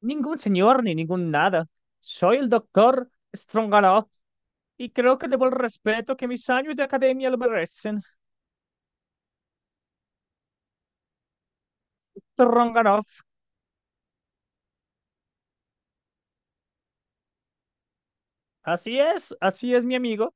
Ningún señor ni ningún nada. Soy el doctor Stronganoff y creo que debo el respeto que mis años de academia lo merecen. Stronganoff. Así es mi amigo.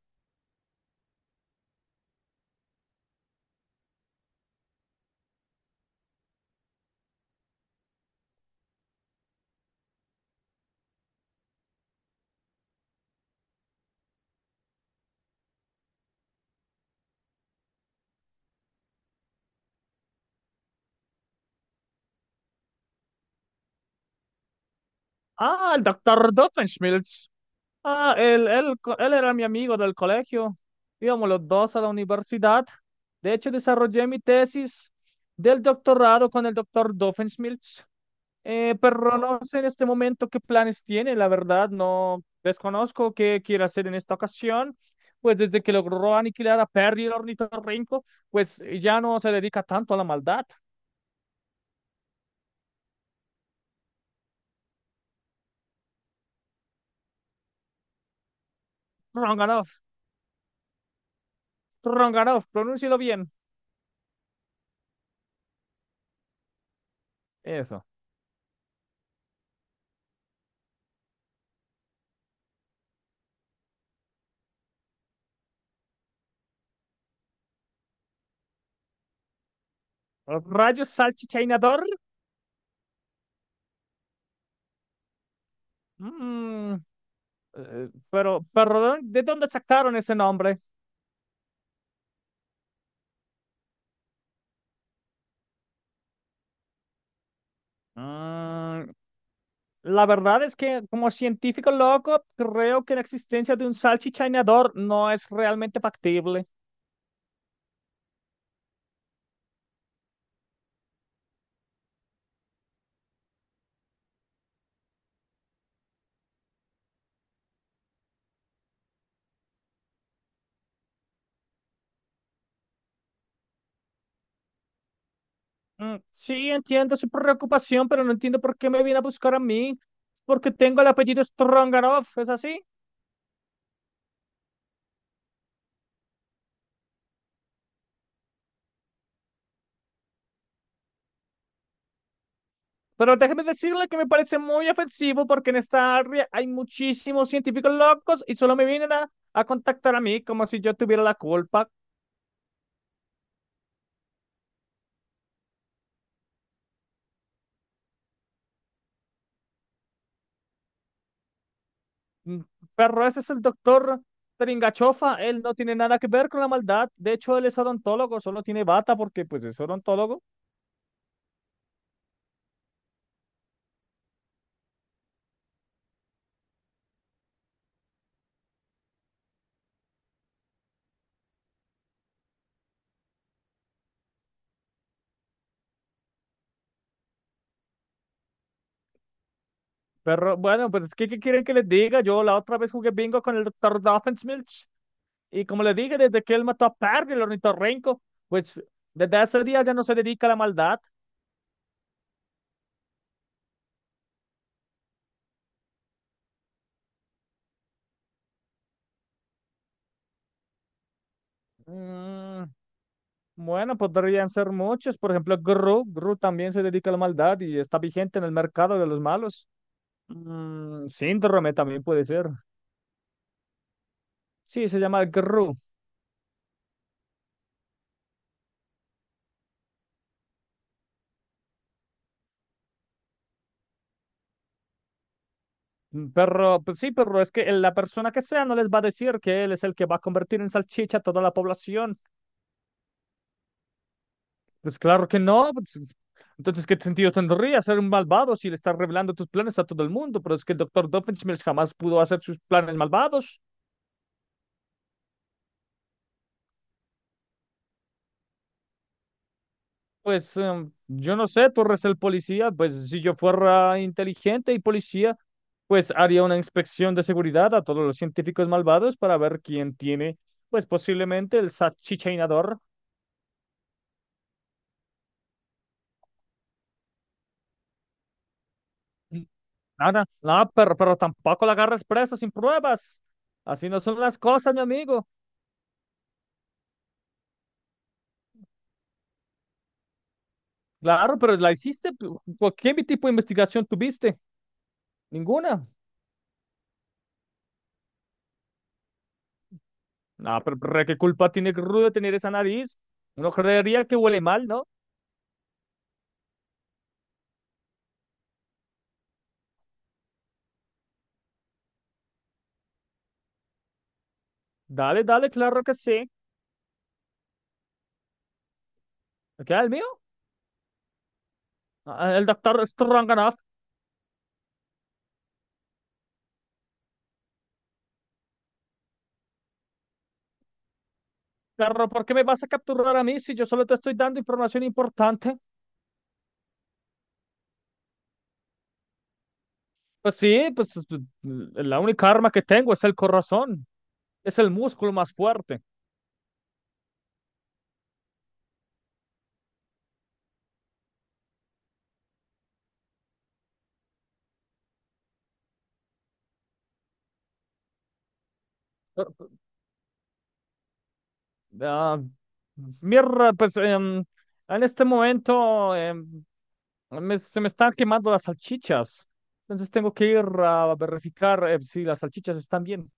Ah, el doctor Doofenshmirtz. Ah, él era mi amigo del colegio. Íbamos los dos a la universidad. De hecho, desarrollé mi tesis del doctorado con el doctor Doofenshmirtz. Pero no sé en este momento qué planes tiene, la verdad, no desconozco qué quiere hacer en esta ocasión. Pues desde que logró aniquilar a Perry el ornitorrinco, pues ya no se dedica tanto a la maldad. Ronganov, Ronganov, pronúncialo bien. Eso. Rayos salchichainador. Mm, pero, perdón, ¿de dónde sacaron ese nombre? Mm, la verdad es que como científico loco, creo que la existencia de un salchichainador no es realmente factible. Mm. Sí, entiendo su preocupación, pero no entiendo por qué me viene a buscar a mí. Porque tengo el apellido Strongaroff, ¿es así? Pero déjeme decirle que me parece muy ofensivo porque en esta área hay muchísimos científicos locos y solo me vienen a contactar a mí como si yo tuviera la culpa. Mm. Pero ese es el doctor Tringachofa, él no tiene nada que ver con la maldad. De hecho, él es odontólogo, solo tiene bata porque pues es odontólogo. Pero bueno, pues ¿qué quieren que les diga? Yo la otra vez jugué bingo con el doctor Doffenshmirtz. Y como les dije, desde que él mató a Parry, el ornitorrinco, pues desde ese día ya no se dedica a la maldad. Mm, bueno, podrían ser muchos. Por ejemplo, Gru. Gru también se dedica a la maldad y está vigente en el mercado de los malos. Mm, síndrome también puede ser. Sí, se llama Gru. Mm. Pero pues sí, pero es que la persona que sea no les va a decir que él es el que va a convertir en salchicha a toda la población. Pues claro que no. Pues entonces, ¿qué sentido tendría ser un malvado si le estás revelando tus planes a todo el mundo? Pero es que el doctor Doofenshmirtz jamás pudo hacer sus planes malvados. Pues yo no sé, tú eres el policía. Pues si yo fuera inteligente y policía, pues haría una inspección de seguridad a todos los científicos malvados para ver quién tiene, pues posiblemente el salchichainador. Nada, nada, pero tampoco la agarres presa sin pruebas. Así no son las cosas, mi amigo. Claro, pero la hiciste. ¿Qué tipo de investigación tuviste? Ninguna. Ah, ¿pero ¿qué culpa tiene Rudo tener esa nariz? Uno creería que huele mal, ¿no? Dale, dale, claro que sí. ¿Qué, el mío? Ah, el doctor Stronganoff. Claro, ¿por qué me vas a capturar a mí si yo solo te estoy dando información importante? Pues sí, la única arma que tengo es el corazón. Es el músculo más fuerte. Pero, ah, mierda, en este momento. Ah, se me están quemando las salchichas. Entonces tengo que ir a verificar si las salchichas están bien.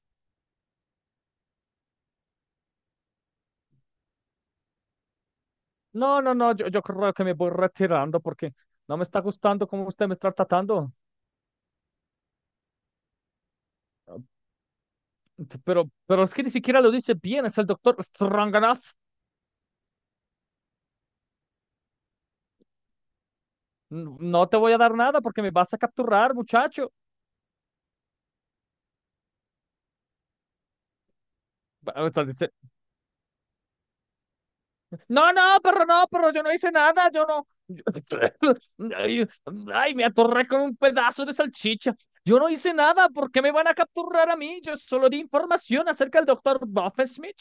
No, no, no, yo creo que me voy retirando porque no me está gustando cómo usted me está tratando. Ah, pero es que ni siquiera lo dice bien, es el doctor Stroganoff. No te voy a dar nada porque me vas a capturar, muchacho. Ah, entonces, no, no, perro, no, perro, yo no hice nada, yo no. Ay, ay, me atorré con un pedazo de salchicha. Yo no hice nada, ¿por qué me van a capturar a mí? Yo solo di información acerca del doctor Smith.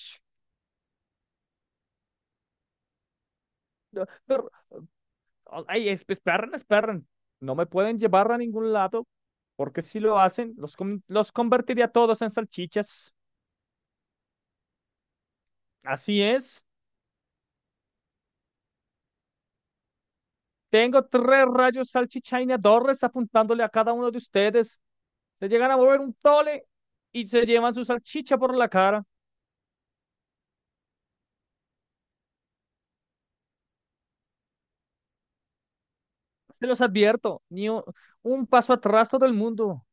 Pero, ay, esperen, esperen. No me pueden llevar a ningún lado, porque si lo hacen, los convertiría a todos en salchichas. Así es. Tengo tres rayos salchichainadores apuntándole a cada uno de ustedes. Se llegan a mover un tole y se llevan su salchicha por la cara. Se los advierto, ni un, un paso atrás todo el mundo.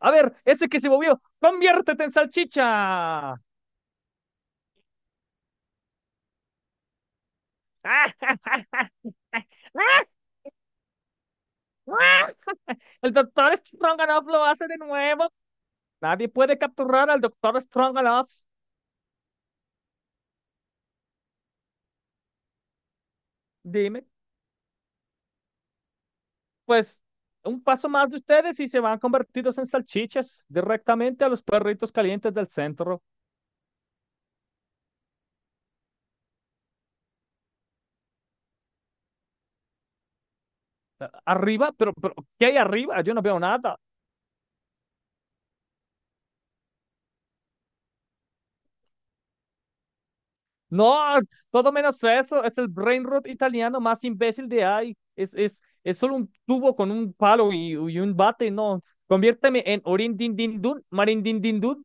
A ver, ese que se movió, conviértete en salchicha. El doctor Stronganoff lo hace de nuevo. Nadie puede capturar al doctor Stronganoff. Dime, pues un paso más de ustedes y se van convertidos en salchichas directamente a los perritos calientes del centro. ¿Arriba? Pero ¿qué hay arriba? Yo no veo nada. No, todo menos eso. Es el brain rot italiano más imbécil de ahí. Es solo un tubo con un palo y un bate. No, conviérteme en orin din din dun, marin din din dun.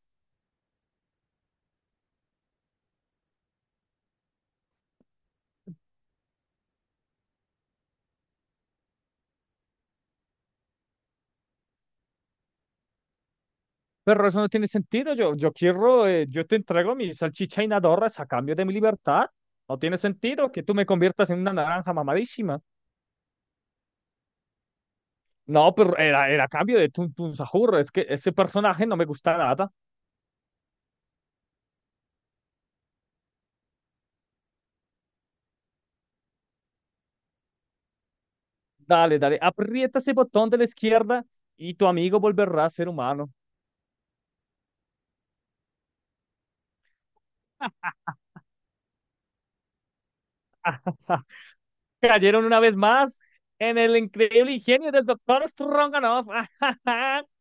Pero eso no tiene sentido. Yo quiero, yo te entrego mi salchicha y nadorras a cambio de mi libertad. No tiene sentido que tú me conviertas en una naranja mamadísima. No, era a cambio de Tun Tun Sahur. Es que ese personaje no me gusta nada. Dale, dale, aprieta ese botón de la izquierda y tu amigo volverá a ser humano. Cayeron una vez más en el increíble ingenio del doctor Stronganoff.